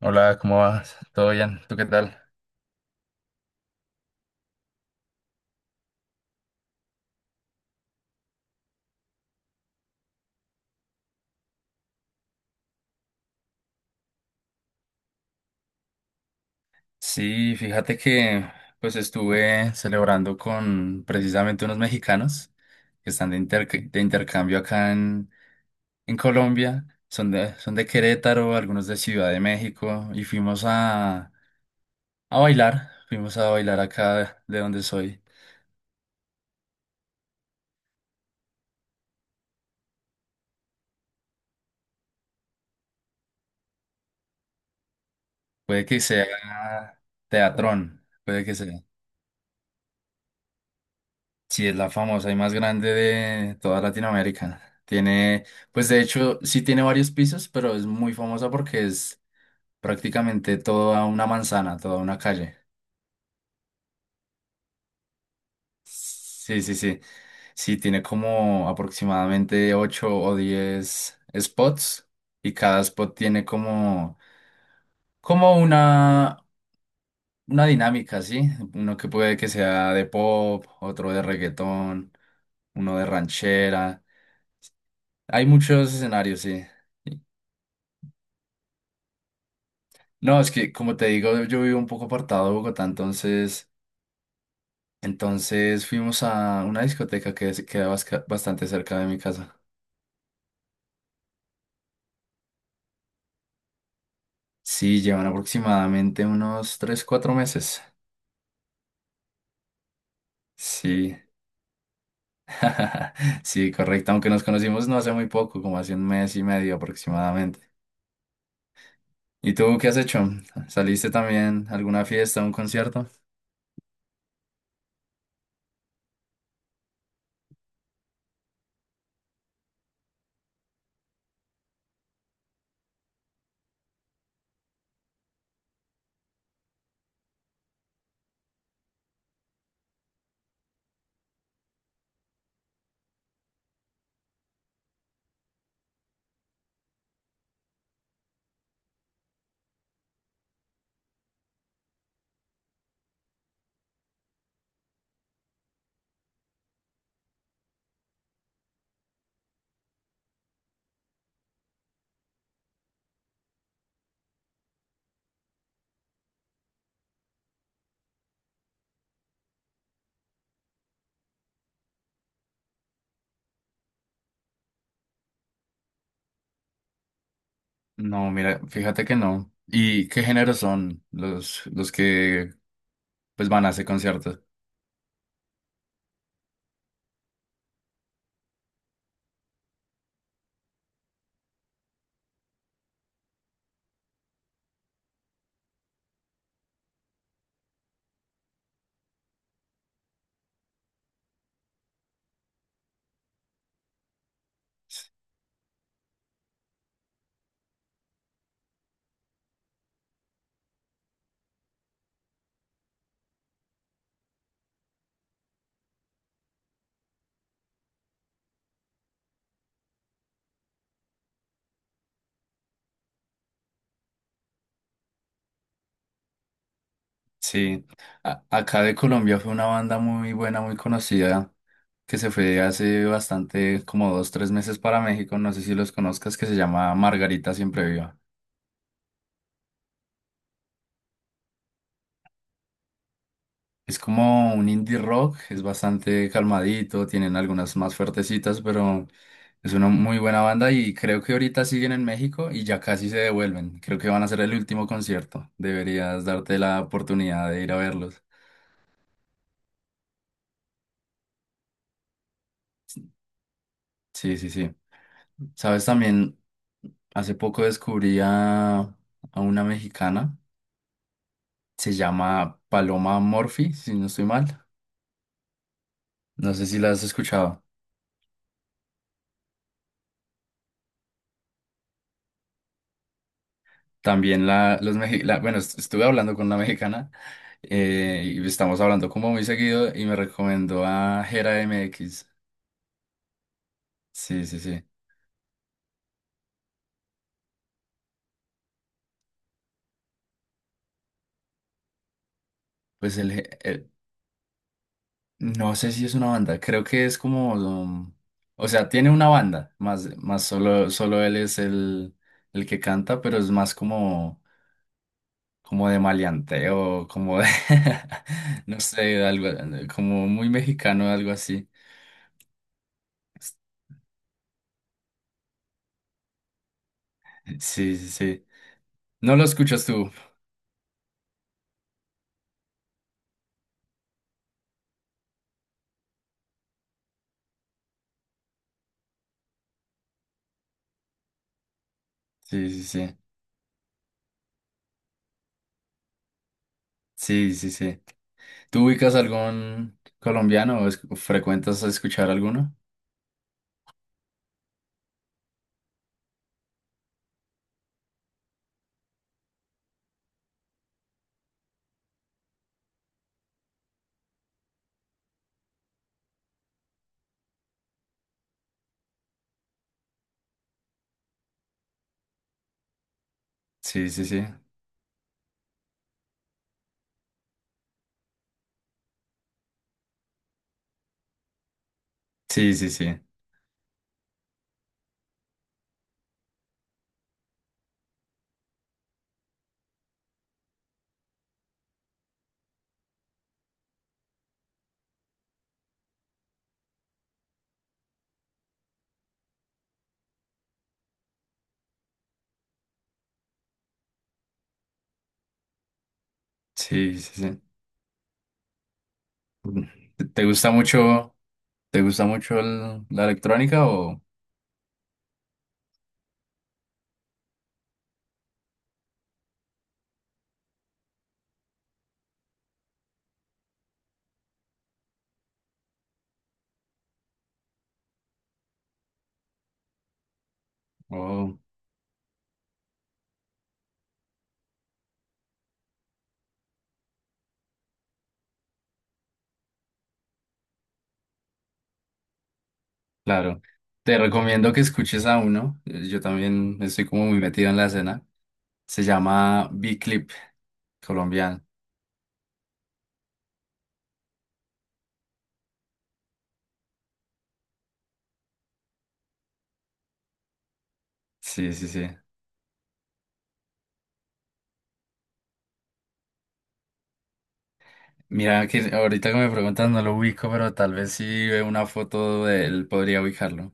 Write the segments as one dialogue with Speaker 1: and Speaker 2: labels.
Speaker 1: Hola, ¿cómo vas? ¿Todo bien? ¿Tú qué tal? Sí, fíjate que pues estuve celebrando con precisamente unos mexicanos que están de intercambio acá en Colombia. Son de Querétaro, algunos de Ciudad de México y fuimos a bailar. Fuimos a bailar acá de donde soy. Puede que sea teatrón, puede que sea. Sí, es la famosa y más grande de toda Latinoamérica. Tiene, pues de hecho, sí tiene varios pisos, pero es muy famosa porque es prácticamente toda una manzana, toda una calle. Sí, sí, sí. Sí, tiene como aproximadamente 8 o 10 spots y cada spot tiene como una dinámica, ¿sí? Uno que puede que sea de pop, otro de reggaetón, uno de ranchera. Hay muchos escenarios, sí. No, es que como te digo, yo vivo un poco apartado de Bogotá, entonces fuimos a una discoteca que bastante cerca de mi casa. Sí, llevan aproximadamente unos 3 4 meses. Sí, sí, correcto, aunque nos conocimos no hace muy poco, como hace un mes y medio aproximadamente. ¿Y tú qué has hecho? ¿Saliste también a alguna fiesta, a un concierto? No, mira, fíjate que no. ¿Y qué géneros son los que pues van a ese concierto? Sí, acá de Colombia fue una banda muy buena, muy conocida, que se fue hace bastante, como dos, tres meses para México, no sé si los conozcas, que se llama Margarita Siempre Viva. Es como un indie rock, es bastante calmadito, tienen algunas más fuertecitas, pero es una muy buena banda y creo que ahorita siguen en México y ya casi se devuelven. Creo que van a ser el último concierto, deberías darte la oportunidad de ir a verlos. Sí, sí, sí. Sabes, también hace poco descubrí a una mexicana, se llama Paloma Murphy, si no estoy mal. No sé si la has escuchado. También la, los mexi- la- bueno, est- Estuve hablando con una mexicana y estamos hablando como muy seguido y me recomendó a Gera MX. Sí, sí, sí. Pues no sé si es una banda, creo que es como, o sea, tiene una banda, solo él es el que canta, pero es más como de maleanteo, como de, no sé, algo, como muy mexicano, algo así. Sí, sí, sí. No lo escuchas tú. Sí, sí, sí. Sí, sí, sí. ¿Tú ubicas algún colombiano o frecuentas escuchar alguno? Sí, sí, sí. Sí, sí, sí. Sí, sí, sí. Mm. ¿Te gusta mucho, te gusta mucho la electrónica o, o- claro. Te recomiendo que escuches a uno. Yo también estoy como muy metido en la escena. Se llama B-Clip, colombiano. Sí, sí, sí. Mira que ahorita que me preguntas no lo ubico, pero tal vez si veo una foto de él podría ubicarlo.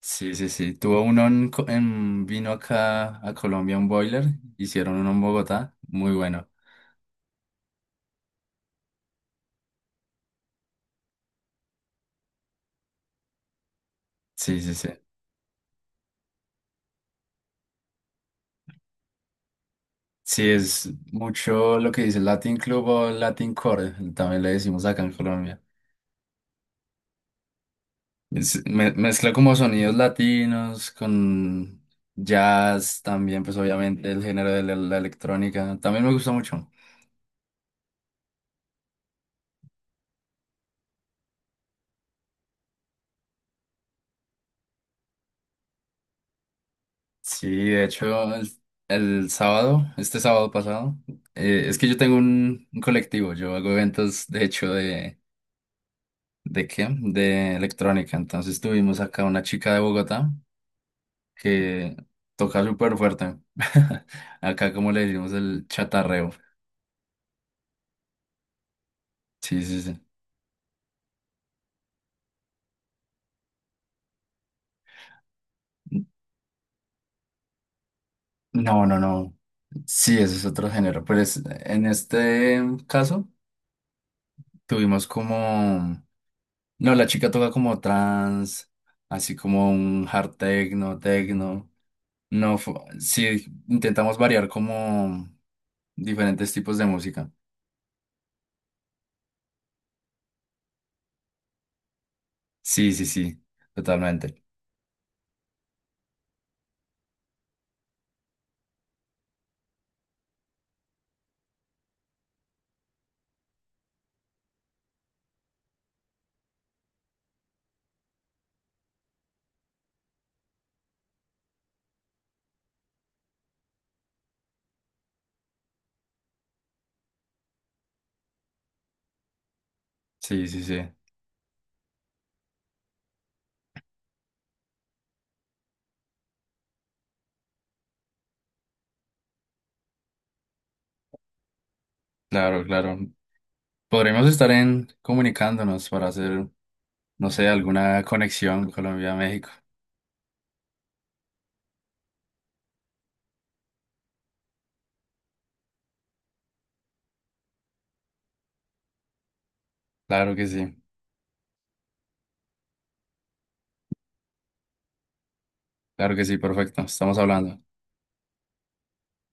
Speaker 1: Sí, sí, sí. Tuvo uno en vino acá a Colombia, un boiler. Hicieron uno en Bogotá. Muy bueno. Sí, sí, sí. Sí, es mucho lo que dice Latin Club o Latin Core. También le decimos acá en Colombia. Mezcla como sonidos latinos con jazz también, pues obviamente el género de la electrónica. También me gusta mucho. Sí, de hecho, el sábado, este sábado pasado, es que yo tengo un colectivo, yo hago eventos, de hecho, ¿de qué? De electrónica. Entonces tuvimos acá una chica de Bogotá que toca súper fuerte. Acá como le decimos el chatarreo. Sí, sí, sí. No, no, no. Sí, ese es otro género. Pero en este caso tuvimos como... No, la chica toca como trans, así como un hard techno, techno. No, sí, intentamos variar como diferentes tipos de música. Sí, sí, sí, totalmente. Sí, sí, sí. Claro, claro. Podremos estar en comunicándonos para hacer, no sé, alguna conexión Colombia-México. Claro que sí, claro que sí, perfecto. Estamos hablando.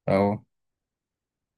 Speaker 1: Chao.